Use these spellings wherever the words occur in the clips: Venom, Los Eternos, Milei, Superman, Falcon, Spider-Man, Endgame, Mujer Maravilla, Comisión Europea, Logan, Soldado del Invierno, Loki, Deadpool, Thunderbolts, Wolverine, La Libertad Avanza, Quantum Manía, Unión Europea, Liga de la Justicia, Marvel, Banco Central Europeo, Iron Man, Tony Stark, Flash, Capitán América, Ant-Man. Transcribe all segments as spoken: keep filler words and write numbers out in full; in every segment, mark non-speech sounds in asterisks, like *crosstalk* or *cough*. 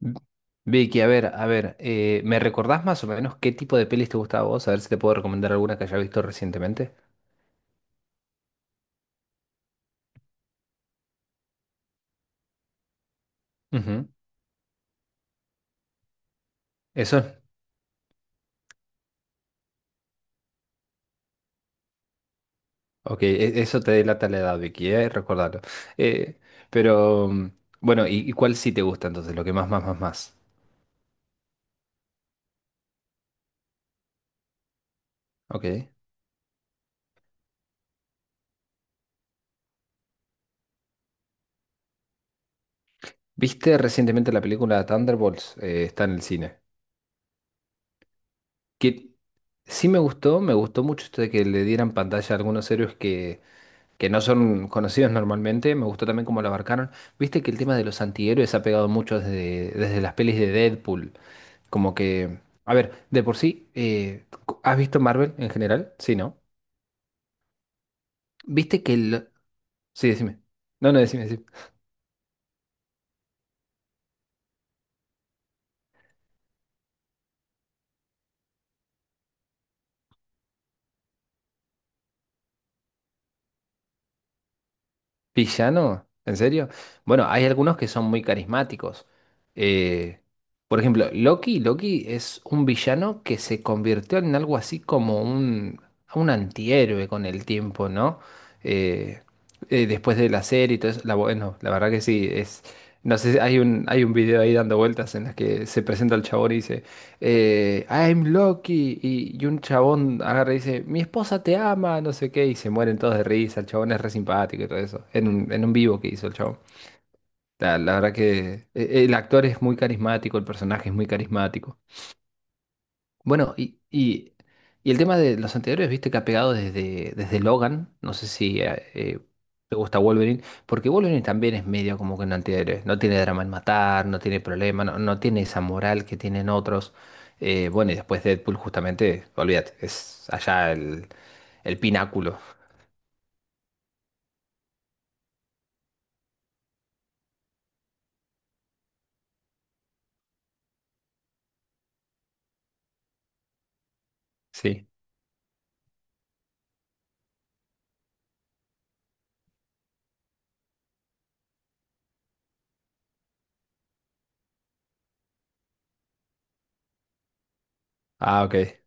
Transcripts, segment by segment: V- Vicky, a ver, a ver, eh, ¿me recordás más o menos qué tipo de pelis te gustaba a vos? A ver si te puedo recomendar alguna que haya visto recientemente. Ujú. Eso, ok, e- eso te delata la edad, Vicky, eh, recordalo. Eh, pero, mm, bueno, ¿y, y cuál sí te gusta entonces? Lo que más, más, más, más. Ok. ¿Viste recientemente la película Thunderbolts? Eh, está en el cine. Que sí me gustó, me gustó mucho esto de que le dieran pantalla a algunos héroes que que no son conocidos normalmente. Me gustó también cómo lo abarcaron. Viste que el tema de los antihéroes ha pegado mucho desde, desde las pelis de Deadpool. Como que, a ver, de por sí, eh, ¿has visto Marvel en general? Sí, ¿no? Viste que el... Sí, decime. No, no, decime, decime. ¿Villano? ¿En serio? Bueno, hay algunos que son muy carismáticos. Eh, por ejemplo, Loki, Loki es un villano que se convirtió en algo así como un, un antihéroe con el tiempo, ¿no? Eh, eh, después de la serie y todo eso. La, bueno, la verdad que sí, es. No sé, hay un, hay un video ahí dando vueltas en las que se presenta el chabón y dice eh, I'm Loki y, y un chabón agarra y dice, mi esposa te ama, no sé qué, y se mueren todos de risa, el chabón es re simpático y todo eso, en un, en un vivo que hizo el chabón. La, la verdad que eh, el actor es muy carismático, el personaje es muy carismático. Bueno, y, y, y el tema de los anteriores, viste que ha pegado desde, desde Logan, no sé si eh, eh, te gusta Wolverine, porque Wolverine también es medio como que un antihéroe, no tiene drama en matar, no tiene problema, no, no tiene esa moral que tienen otros. Eh, bueno, y después Deadpool justamente, olvídate, es allá el, el pináculo. *laughs* Sí. Ah, ok.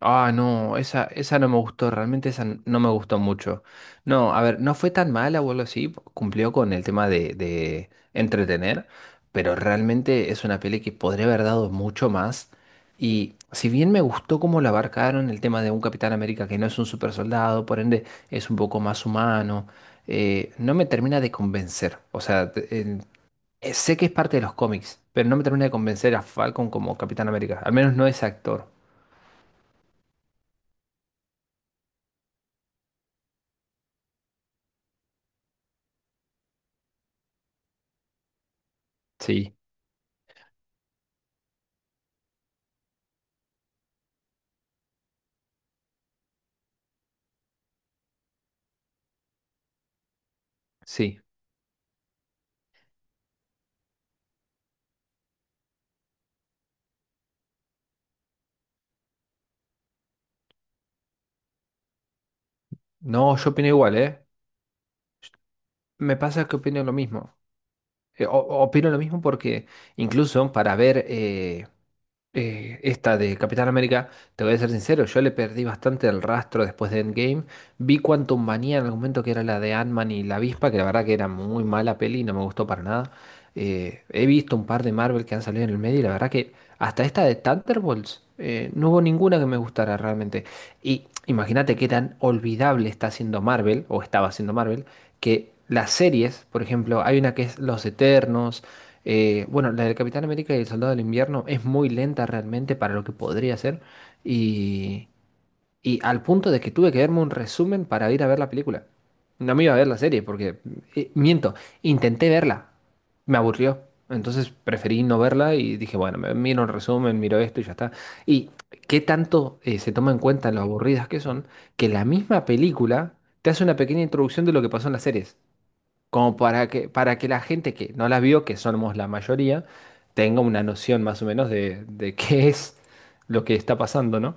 Ah, no, esa, esa no me gustó, realmente esa n- no me gustó mucho. No, a ver, no fue tan mala o algo así, cumplió con el tema de, de entretener, pero realmente es una peli que podría haber dado mucho más. Y si bien me gustó cómo la abarcaron el tema de un Capitán América que no es un super soldado, por ende es un poco más humano, eh, no me termina de convencer. O sea, te- en- eh, sé que es parte de los cómics, pero no me termina de convencer a Falcon como Capitán América, al menos no es actor. Sí, sí. No, yo opino igual, ¿eh? Me pasa que opino lo mismo. Eh, o- opino lo mismo porque incluso para ver eh, eh, esta de Capitán América, te voy a ser sincero, yo le perdí bastante el rastro después de Endgame. Vi Quantum Manía en algún momento que era la de Ant-Man y la avispa, que la verdad que era muy mala peli y no me gustó para nada. Eh, he visto un par de Marvel que han salido en el medio y la verdad que hasta esta de Thunderbolts eh, no hubo ninguna que me gustara realmente. Y imagínate qué tan olvidable está haciendo Marvel, o estaba haciendo Marvel, que las series, por ejemplo, hay una que es Los Eternos. Eh, bueno, la del Capitán América y el Soldado del Invierno es muy lenta realmente para lo que podría ser y, y al punto de que tuve que verme un resumen para ir a ver la película. No me iba a ver la serie porque, eh, miento, intenté verla, me aburrió. Entonces preferí no verla y dije, bueno, me miro un resumen, miro esto y ya está. Y qué tanto eh, se toma en cuenta lo aburridas que son, que la misma película te hace una pequeña introducción de lo que pasó en las series como para que, para que la gente que no las vio, que somos la mayoría, tenga una noción más o menos de, de qué es lo que está pasando, ¿no?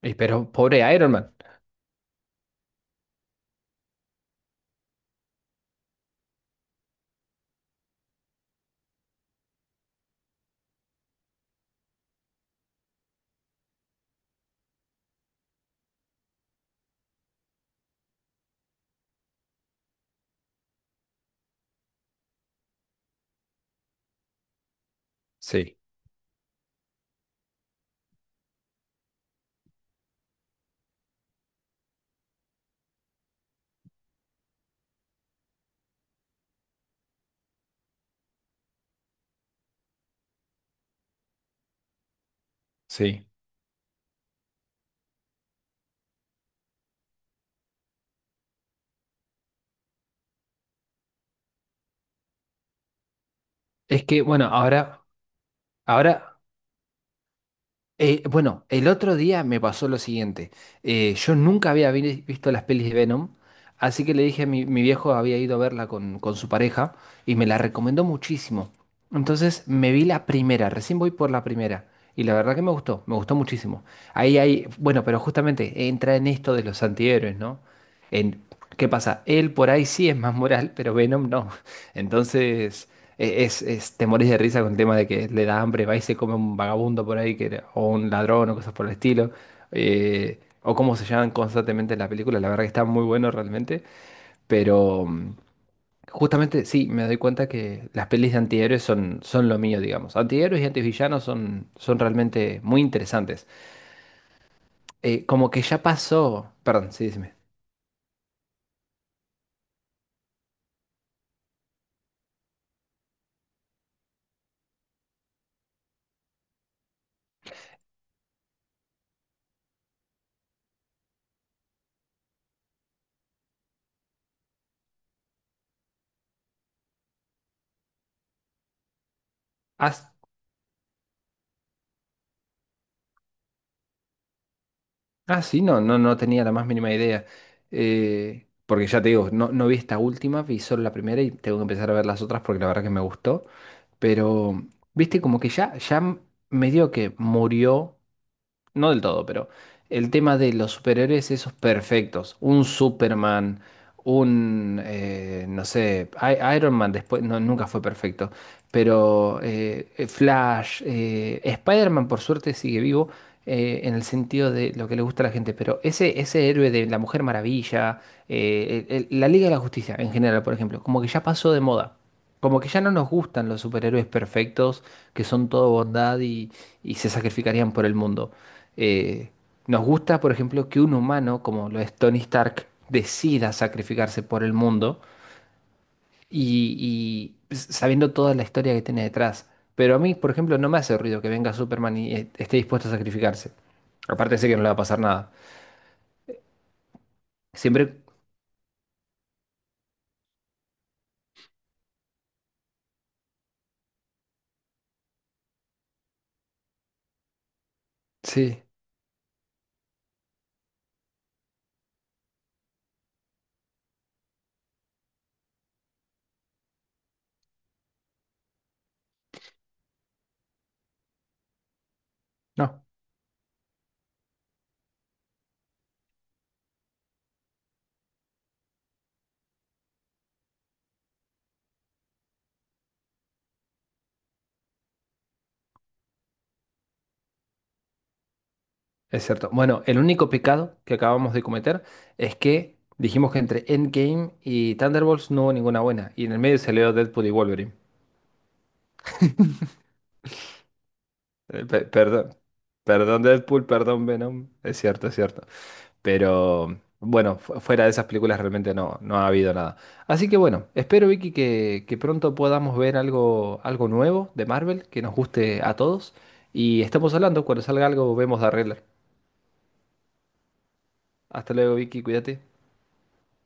Y pero pobre Iron Man. Sí, sí. Es que, bueno, ahora, ahora. Eh, bueno, el otro día me pasó lo siguiente. Eh, yo nunca había vi- visto las pelis de Venom, así que le dije a mi, mi viejo, había ido a verla con, con su pareja y me la recomendó muchísimo. Entonces me vi la primera, recién voy por la primera. Y la verdad que me gustó, me gustó muchísimo. Ahí hay, bueno, pero justamente entra en esto de los antihéroes, ¿no? En, ¿qué pasa? Él por ahí sí es más moral, pero Venom no. Entonces, e- es, es, te morís de risa con el tema de que le da hambre, va y se come un vagabundo por ahí, que, o un ladrón, o cosas por el estilo. Eh, o cómo se llaman constantemente en la película. La verdad que está muy bueno realmente. Pero mm, justamente sí, me doy cuenta que las pelis de antihéroes son, son lo mío, digamos. Antihéroes y antivillanos son, son realmente muy interesantes. Eh, como que ya pasó. Perdón, sí, dime. Has Ah, sí, no, no no tenía la más mínima idea. Eh, porque ya te digo, no, no vi esta última, vi solo la primera y tengo que empezar a ver las otras porque la verdad que me gustó. Pero, viste, como que ya, ya m- medio que murió no del todo, pero el tema de los superhéroes esos perfectos, un Superman, un, eh, no sé, I- Iron Man después, no, nunca fue perfecto, pero eh, eh, Flash, eh, Spider-Man por suerte sigue vivo eh, en el sentido de lo que le gusta a la gente, pero ese, ese héroe de la Mujer Maravilla, eh, el- el- la Liga de la Justicia en general, por ejemplo, como que ya pasó de moda. Como que ya no nos gustan los superhéroes perfectos, que son todo bondad y, y se sacrificarían por el mundo. Eh, nos gusta, por ejemplo, que un humano, como lo es Tony Stark, decida sacrificarse por el mundo y, y sabiendo toda la historia que tiene detrás. Pero a mí, por ejemplo, no me hace ruido que venga Superman y eh, esté dispuesto a sacrificarse. Aparte sé que no le va a pasar nada. Siempre... Sí, no, es cierto. Bueno, el único pecado que acabamos de cometer es que dijimos que entre Endgame y Thunderbolts no hubo ninguna buena. Y en el medio se salió Deadpool y Wolverine. Eh, pe- perdón. Perdón Deadpool, perdón Venom. Es cierto, es cierto. Pero bueno, fu- fuera de esas películas realmente no, no ha habido nada. Así que bueno, espero Vicky que, que pronto podamos ver algo, algo nuevo de Marvel que nos guste a todos. Y estamos hablando, cuando salga algo vemos de arreglar. Hasta luego Vicky, cuídate.